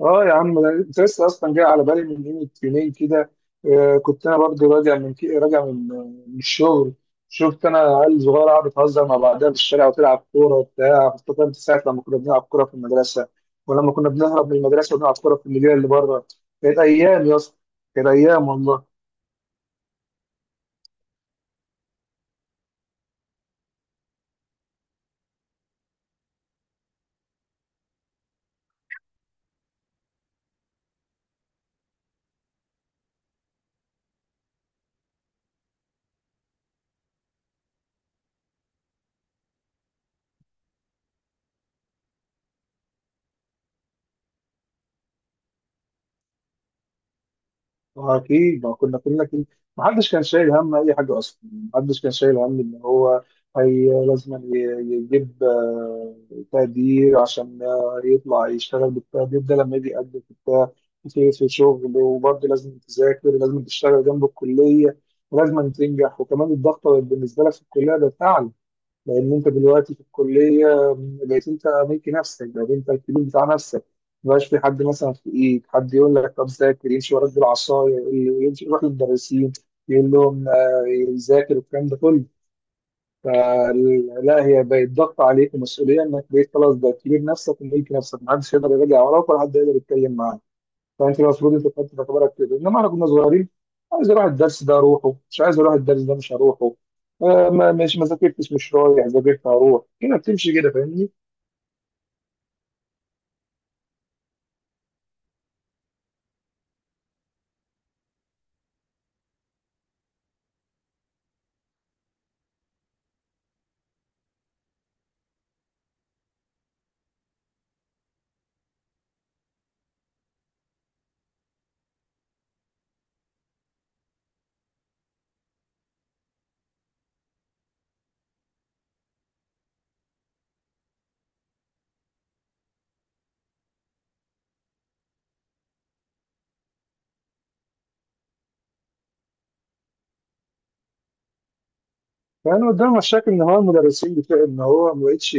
اه يا عم، ده كنت لسه اصلا جاي على بالي من يوم يومين كده. كنت انا برضه راجع من من الشغل. شفت انا عيال صغيره قاعده بتهزر مع بعضها في الشارع وتلعب كوره وبتاع، افتكرت ساعه لما كنا بنلعب كوره في المدرسه ولما كنا بنهرب من المدرسه ونلعب كوره في المدينه اللي بره. كانت ايام يا اسطى، كانت ايام والله. أكيد ما كنا كلنا كده، ما حدش كان شايل هم أي حاجة أصلا. ما حدش كان شايل هم إن هو هي لازم ي- يجيب تقدير عشان يطلع يشتغل بالتقدير ده لما يجي يقدم في بتاع، في شغل. وبرضه لازم تذاكر، لازم تشتغل جنب الكلية، ولازم تنجح. وكمان الضغط بالنسبة لك في الكلية ده تعب، لان انت دلوقتي في الكليه بقيت انت ملك نفسك، بقيت انت الكبير بتاع نفسك. مبقاش في حد مثلا في ايد حد يقول لك طب ذاكر، يمشي وراك بالعصايه، يمشي يروح للمدرسين يقول لهم ذاكر والكلام ده كله. فلا، هي بقت ضغط عليك ومسؤوليه، انك بقيت خلاص بقيت كبير نفسك وملك نفسك، محدش يقدر يراجع وراك ولا حد يقدر يتكلم معاك. فانت المفروض انت كنت في اعتبارك كده، انما احنا كنا صغيرين، عايز اروح الدرس ده اروحه، مش عايز اروح الدرس ده مش هروحه. آه، ما مش ما ذاكرتش مش رايح، ذاكرت هروح، كده بتمشي كده، فاهمني. كان قدام مشاكل ان هو المدرسين بتاع، ان هو ما بقتش،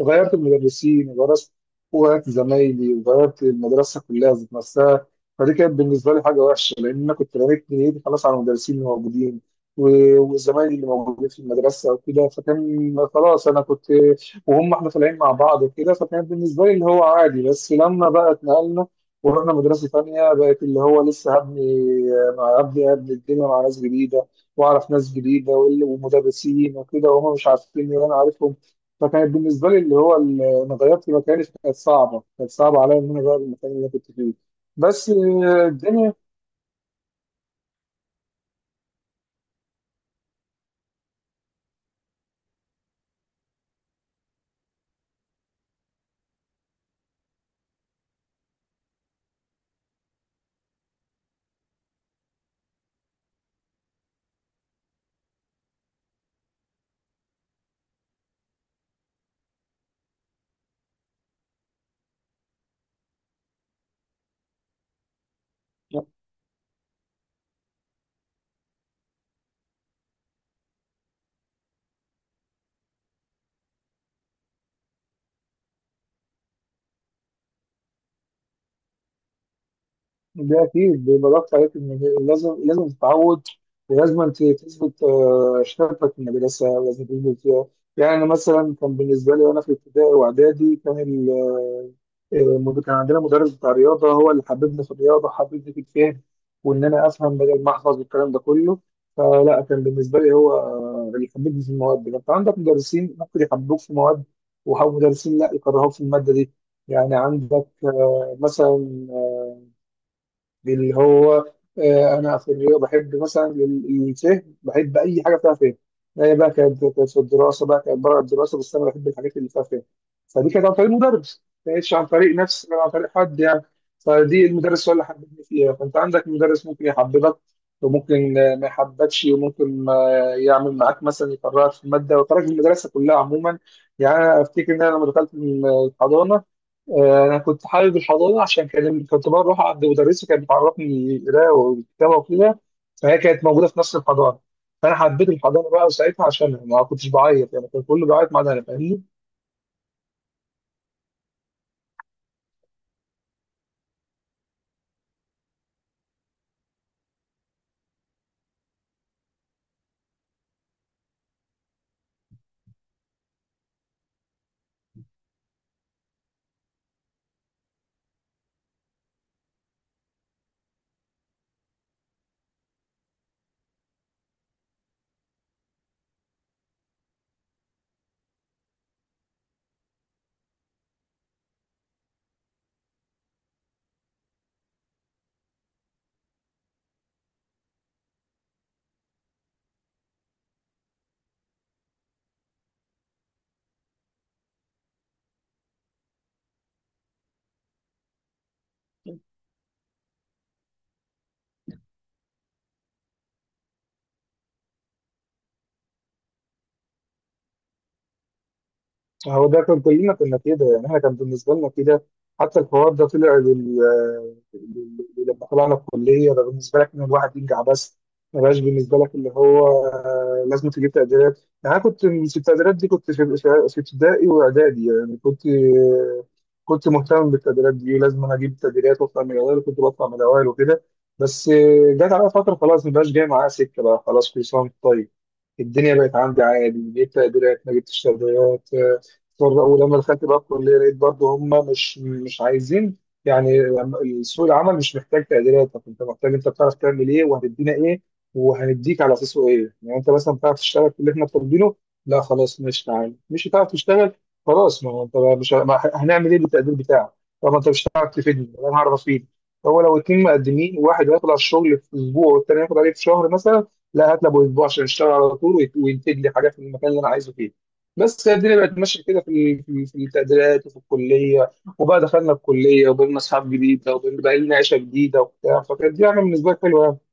غيرت المدرسين وغيرت زمايلي وغيرت المدرسه كلها ذات نفسها. فدي كانت بالنسبه لي حاجه وحشه، لان انا كنت رميت نيتي خلاص على المدرسين اللي موجودين وزمايلي اللي موجودين في المدرسه وكده، فكان خلاص انا كنت وهم احنا طالعين مع بعض وكده، فكان بالنسبه لي اللي هو عادي. بس لما بقى اتنقلنا ورحنا مدرسه ثانيه، بقت اللي هو لسه هبني، مع هبني هبني الدنيا مع ناس جديده، واعرف ناس جديده ومدرسين وكده، وهم مش عارفين وانا عارفهم. فكانت بالنسبه لي اللي هو انا غيرت مكاني، كانت صعبه عليا ان انا اغير المكان اللي انا كنت فيه. بس الدنيا. ده اكيد بيبقى ضغط عليك ان لازم تتعود، ولازم تثبت شغفك في المدرسه ولازم تثبت فيها. يعني انا مثلا كان بالنسبه لي وانا في ابتدائي واعدادي، كان كان عندنا مدرس بتاع رياضة، هو اللي حببني في الرياضة، حببني في الفهم وإن أنا أفهم بدل ما أحفظ والكلام ده كله. فلا، كان بالنسبة لي هو اللي حببني في المواد دي. فأنت عندك مدرسين ممكن يحببوك في مواد، ومدرسين لا، يكرهوك في المادة دي. يعني عندك مثلا اللي هو انا في الرياضه بحب مثلا الفهم، بحب اي حاجه فيها فهم. هي بقى كانت في الدراسه، بقى كانت بره الدراسه، بس انا بحب الحاجات اللي فيها فهم. فدي كانت عن طريق مدرس، ما كانتش عن طريق نفس ولا عن طريق حد يعني. فدي المدرس هو اللي حببني فيها. فانت عندك مدرس ممكن يحببك، وممكن ما يحببكش، وممكن يعمل معاك مثلا يكرهك في الماده ويكرهك في المدرسه كلها عموما. يعني انا افتكر ان انا لما دخلت الحضانه، انا كنت حابب الحضانه عشان كنت بروح عند مدرسه كانت بتعرفني قراءه وكتابه وكده، فهي كانت موجوده في نفس الحضانه. فانا حبيت الحضانه بقى ساعتها عشان ما كنتش بعيط، يعني كان كله بيعيط ما عدا انا، فاهمني. هو ده كان كلنا كنا كده، يعني احنا كان بالنسبه لنا كده. حتى الحوار ده طلع لما طلعنا الكليه، ده بالنسبه لك ان الواحد ينجح بس، ما بقاش بالنسبه لك اللي هو لازم تجيب تقديرات. يعني انا كنت في التقديرات دي، كنت في في ابتدائي واعدادي، يعني كنت مهتم بالتقديرات دي، لازم انا اجيب تقديرات واطلع من الاوائل، وكنت بطلع من الاوائل وكده. بس جت على فتره خلاص، ما بقاش جاي معايا سكه بقى. خلاص، كل سنه وانت طيب، الدنيا بقت عندي عادي، جبت تقديرات ما جبتش تقديرات. ولما دخلت بقى الكليه لقيت برضه هم مش عايزين. يعني سوق العمل مش محتاج تقديراتك، انت محتاج انت بتعرف تعمل ايه وهتدينا ايه وهنديك على اساسه ايه. يعني انت مثلا بتعرف تشتغل في اللي احنا طالبينه؟ لا، خلاص ماشي. تعالى مش هتعرف تشتغل؟ خلاص، ما هو انت بقى مش ه- ما ه- هنعمل ايه بالتقدير بتاعك؟ طب ما انت مش هتعرف تفيدني ولا انا هعرف افيدك. هو لو اتنين مقدمين، واحد هياخد على الشغل في اسبوع والتاني هياخد عليه في شهر مثلا، لا، هات له أبو اسبوع عشان يشتغل على طول وينتج لي حاجه في المكان اللي انا عايزه فيه. بس هي الدنيا بقت ماشيه كده في في التقديرات وفي الكليه. وبقى دخلنا الكليه، وبقينا اصحاب جديده، وبقينا بقى لنا عيشه جديده وبتاع، فكانت دي يعني بالنسبه لي حلوه.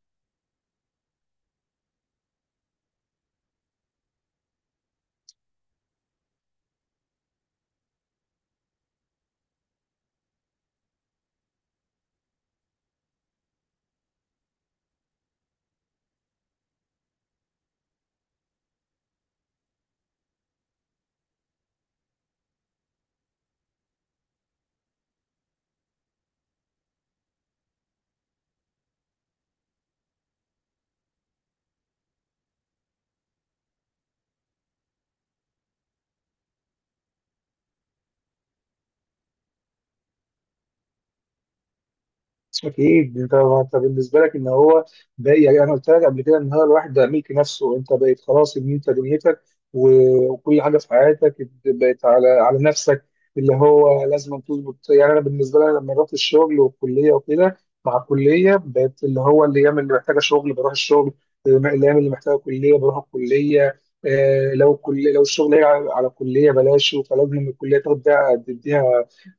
اكيد انت بالنسبه لك ان هو بقى، يعني انا قلت لك قبل كده ان هو الواحد ده ملك نفسه، انت بقيت خلاص ان انت دنيتك وكل حاجه في حياتك بقت على نفسك، اللي هو لازم تظبط. يعني انا بالنسبه لي لما رحت الشغل والكليه وكده، مع الكليه بقت اللي هو الايام اللي محتاجه شغل بروح الشغل، الايام اللي محتاجه كليه بروح الكليه. لو الشغل هي على الكليه بلاش، فلازم الكليه تاخد، ده تديها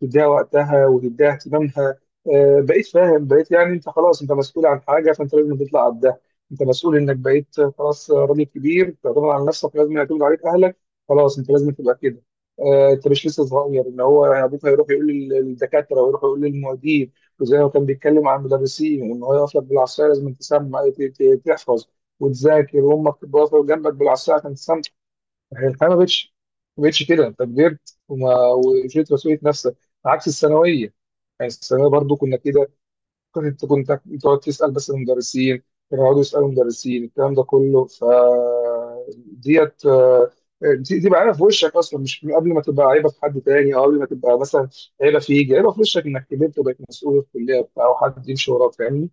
تديها وقتها وتديها اهتمامها. بقيت فاهم، بقيت يعني انت خلاص انت مسؤول عن حاجه، فانت لازم تطلع قدها. انت مسؤول انك بقيت خلاص راجل كبير تعتمد على نفسك، لازم يعتمد عليك اهلك، خلاص انت لازم تبقى كده. انت مش لسه صغير ان هو يعني ابوك هيروح يقول للدكاتره ويروح يقول للمعيدين، وزي ما كان بيتكلم عن المدرسين وان هو يقف لك بالعصايه لازم تسمع تحفظ وتذاكر، وامك تبقى واقفه جنبك بالعصايه عشان تسمع. الحياه ما بقتش، ما بقتش كده، انت كبرت وما وشلت مسؤوليه نفسك. عكس الثانويه، يعني الثانويه برضو كنا كده، كنت انت تقعد تسال بس المدرسين، كانوا يقعدوا يسالوا المدرسين الكلام ده كله. ف ديت آه، دي دي بقى عيبه في وشك اصلا، مش من قبل ما تبقى عيبه في حد تاني، او قبل ما تبقى مثلا عيبه فيك، عيبه في وشك انك كبرت وبقيت مسؤول في الكليه وبتاع وحد يمشي وراك، فاهمني.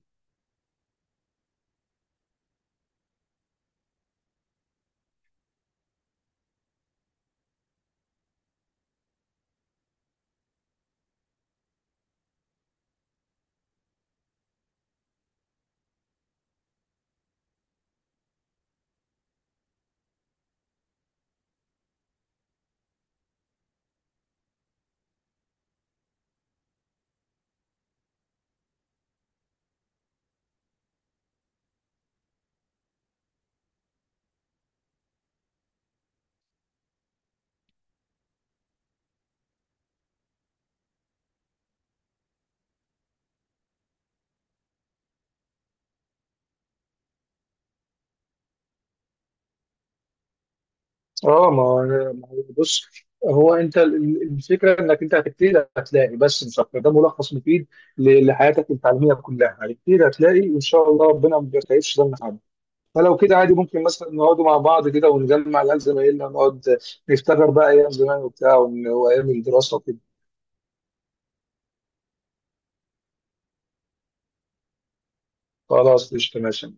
اه ما هو، بص، هو انت الفكره انك انت هتبتدي هتلاقي، بس مش اكتر، ده ملخص مفيد لحياتك التعليميه كلها، هتبتدي هتلاقي، وان شاء الله ربنا ما بيخيبش ظن حد. فلو كده عادي، ممكن مثلا نقعدوا مع بعض كده ونجمع العيال زمايلنا ونقعد نفتكر بقى ايام زمان وبتاع وايام الدراسه وكده. خلاص، قشطه، ماشي.